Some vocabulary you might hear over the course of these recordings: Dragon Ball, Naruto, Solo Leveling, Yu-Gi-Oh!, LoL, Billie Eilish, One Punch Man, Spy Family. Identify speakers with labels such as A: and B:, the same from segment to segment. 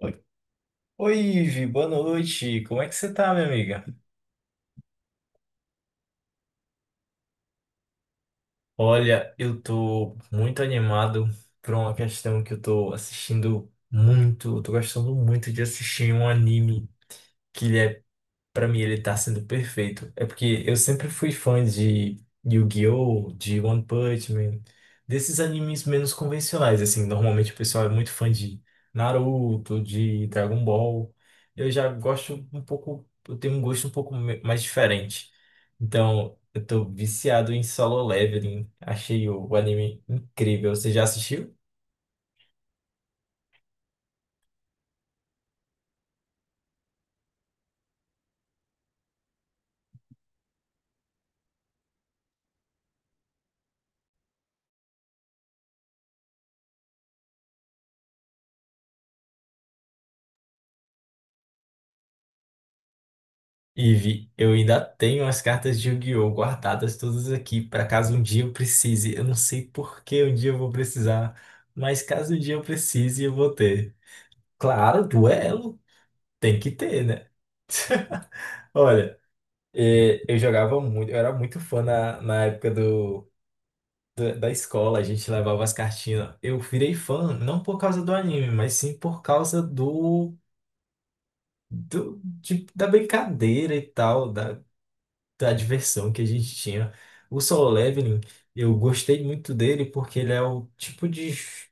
A: Oi, Oi, Ivi, boa noite. Como é que você tá, minha amiga? Olha, eu tô muito animado por uma questão que eu tô assistindo muito, eu tô gostando muito de assistir um anime que ele é Pra mim ele tá sendo perfeito. É porque eu sempre fui fã de Yu-Gi-Oh!, de One Punch Man, desses animes menos convencionais, assim, normalmente o pessoal é muito fã de Naruto, de Dragon Ball. Eu já gosto um pouco, eu tenho um gosto um pouco mais diferente. Então, eu tô viciado em Solo Leveling. Achei o anime incrível. Você já assistiu? Ive, eu ainda tenho as cartas de Yu-Gi-Oh! Guardadas todas aqui, para caso um dia eu precise. Eu não sei por que um dia eu vou precisar, mas caso um dia eu precise, eu vou ter. Claro, duelo, tem que ter, né? Olha, eu jogava muito, eu era muito fã na época da escola, a gente levava as cartinhas. Eu virei fã, não por causa do anime, mas sim por causa da brincadeira e tal, da, da diversão que a gente tinha. O Solo Leveling, eu gostei muito dele porque ele é o tipo de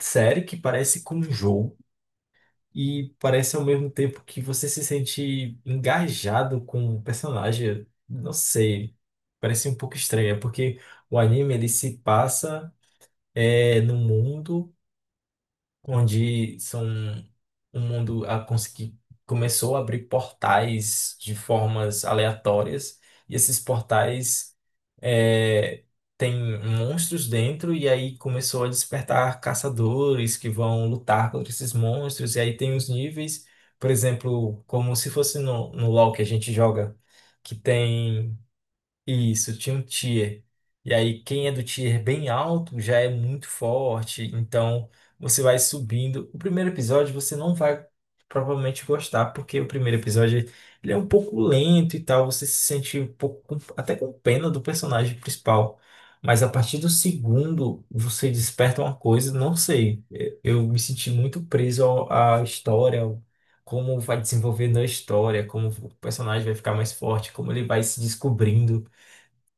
A: série que parece com um jogo e parece ao mesmo tempo que você se sente engajado com o personagem. Não sei, parece um pouco estranho, é porque o anime ele se passa no mundo onde são um mundo a conseguir começou a abrir portais de formas aleatórias e esses portais é, têm monstros dentro e aí começou a despertar caçadores que vão lutar contra esses monstros e aí tem os níveis, por exemplo, como se fosse no LoL que a gente joga, que tem isso, tinha um tier. E aí, quem é do tier bem alto já é muito forte, então você vai subindo. O primeiro episódio você não vai provavelmente gostar, porque o primeiro episódio ele é um pouco lento e tal, você se sente um pouco até com pena do personagem principal. Mas a partir do segundo, você desperta uma coisa, não sei. Eu me senti muito preso à história, como vai desenvolvendo a história, como o personagem vai ficar mais forte, como ele vai se descobrindo.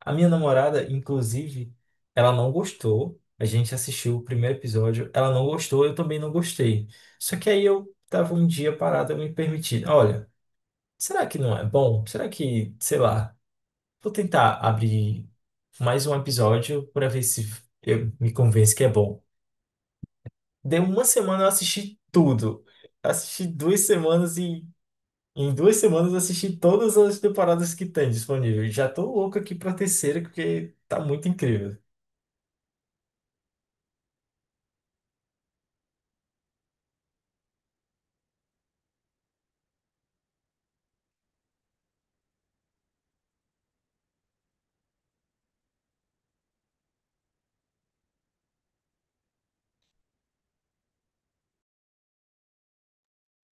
A: A minha namorada, inclusive, ela não gostou. A gente assistiu o primeiro episódio, ela não gostou, eu também não gostei. Só que aí eu tava um dia parado, eu me permiti. Olha, será que não é bom? Será que, sei lá, vou tentar abrir mais um episódio para ver se eu me convenço que é bom. Deu uma semana eu assisti tudo. Assisti duas semanas e em duas semanas eu assisti todas as temporadas que tem disponível. Já tô louco aqui pra terceira porque tá muito incrível.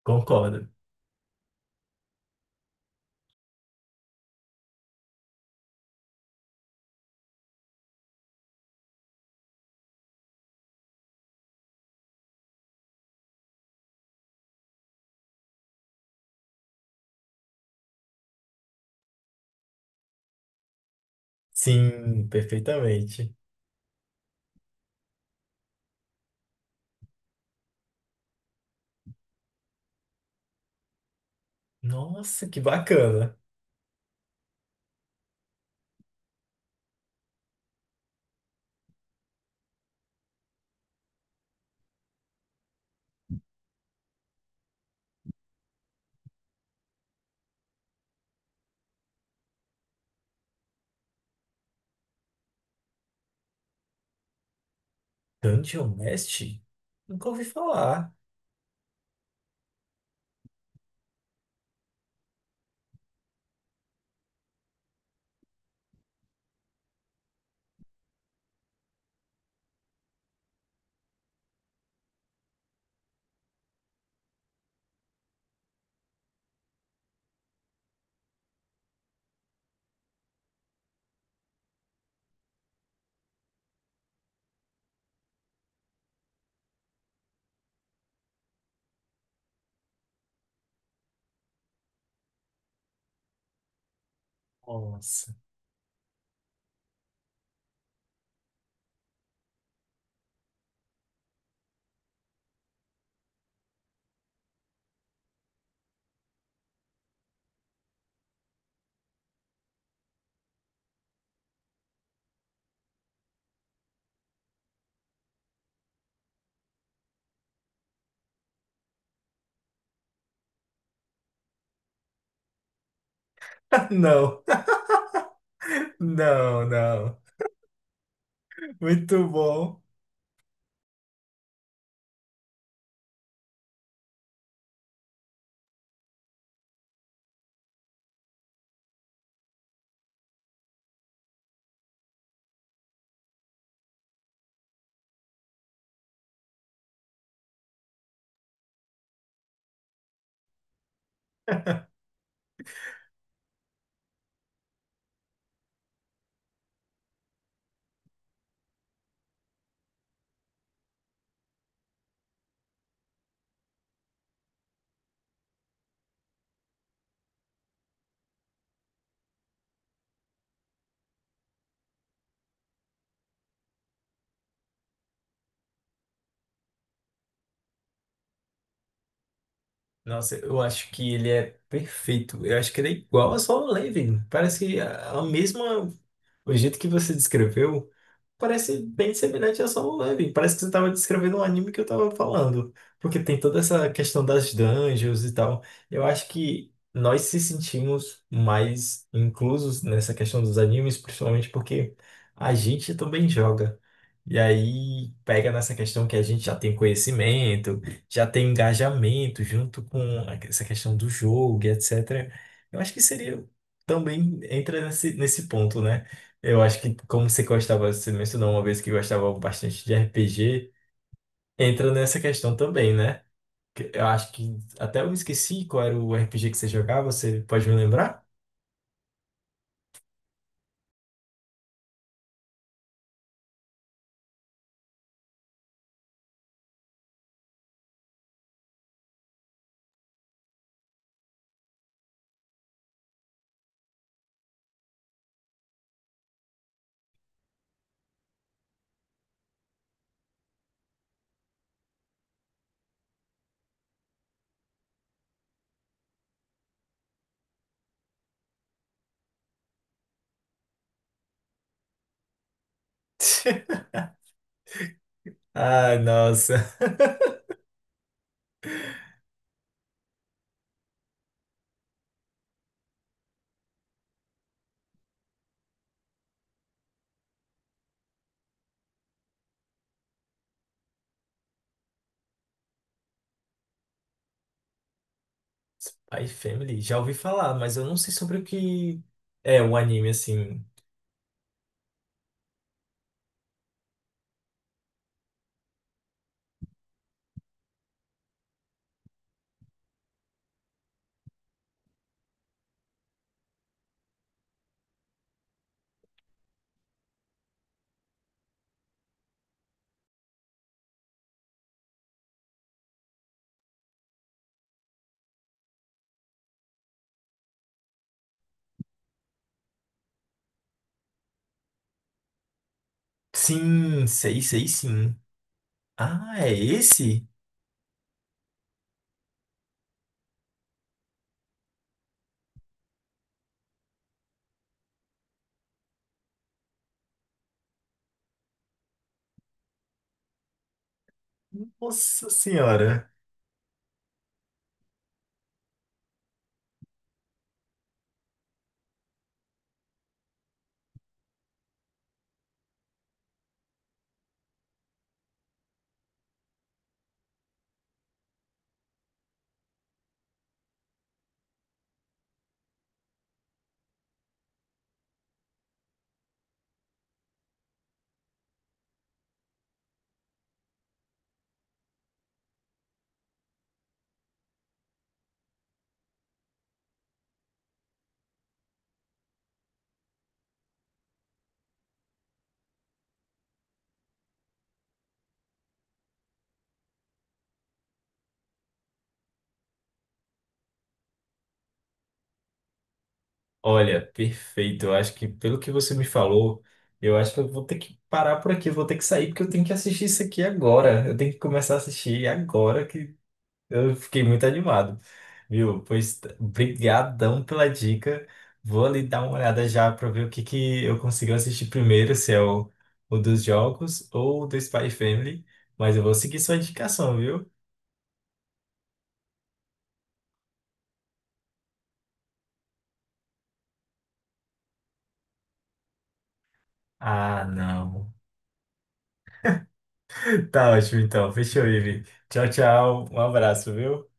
A: Concordo. Sim, perfeitamente. Nossa, que bacana. Dungeon mestre, nunca ouvi falar. Nossa. Não, não, não. Muito bom. Nossa, eu acho que ele é perfeito. Eu acho que ele é igual a Solo Leveling. Parece que a mesma. O jeito que você descreveu parece bem semelhante a Solo Leveling. Parece que você estava descrevendo um anime que eu estava falando. Porque tem toda essa questão das dungeons e tal. Eu acho que nós se sentimos mais inclusos nessa questão dos animes, principalmente porque a gente também joga. E aí pega nessa questão que a gente já tem conhecimento, já tem engajamento junto com essa questão do jogo e etc. Eu acho que seria também entra nesse ponto, né? Eu acho que como você gostava, você mencionou uma vez que gostava bastante de RPG, entra nessa questão também, né? Que eu acho que até eu me esqueci qual era o RPG que você jogava, você pode me lembrar? Ah, nossa. Spy Family, já ouvi falar, mas eu não sei sobre o que é o anime assim. Sim, sei, sei sim. Ah, é esse? Nossa senhora. Olha, perfeito. Eu acho que pelo que você me falou, eu acho que eu vou ter que parar por aqui, eu vou ter que sair porque eu tenho que assistir isso aqui agora. Eu tenho que começar a assistir agora que eu fiquei muito animado. Viu? Pois brigadão pela dica. Vou ali dar uma olhada já para ver o que que eu consigo assistir primeiro, se é o dos jogos ou o do Spy Family, mas eu vou seguir sua indicação, viu? Ah, não. Tá ótimo então. Fechou, Ivi. Tchau, tchau. Um abraço, viu?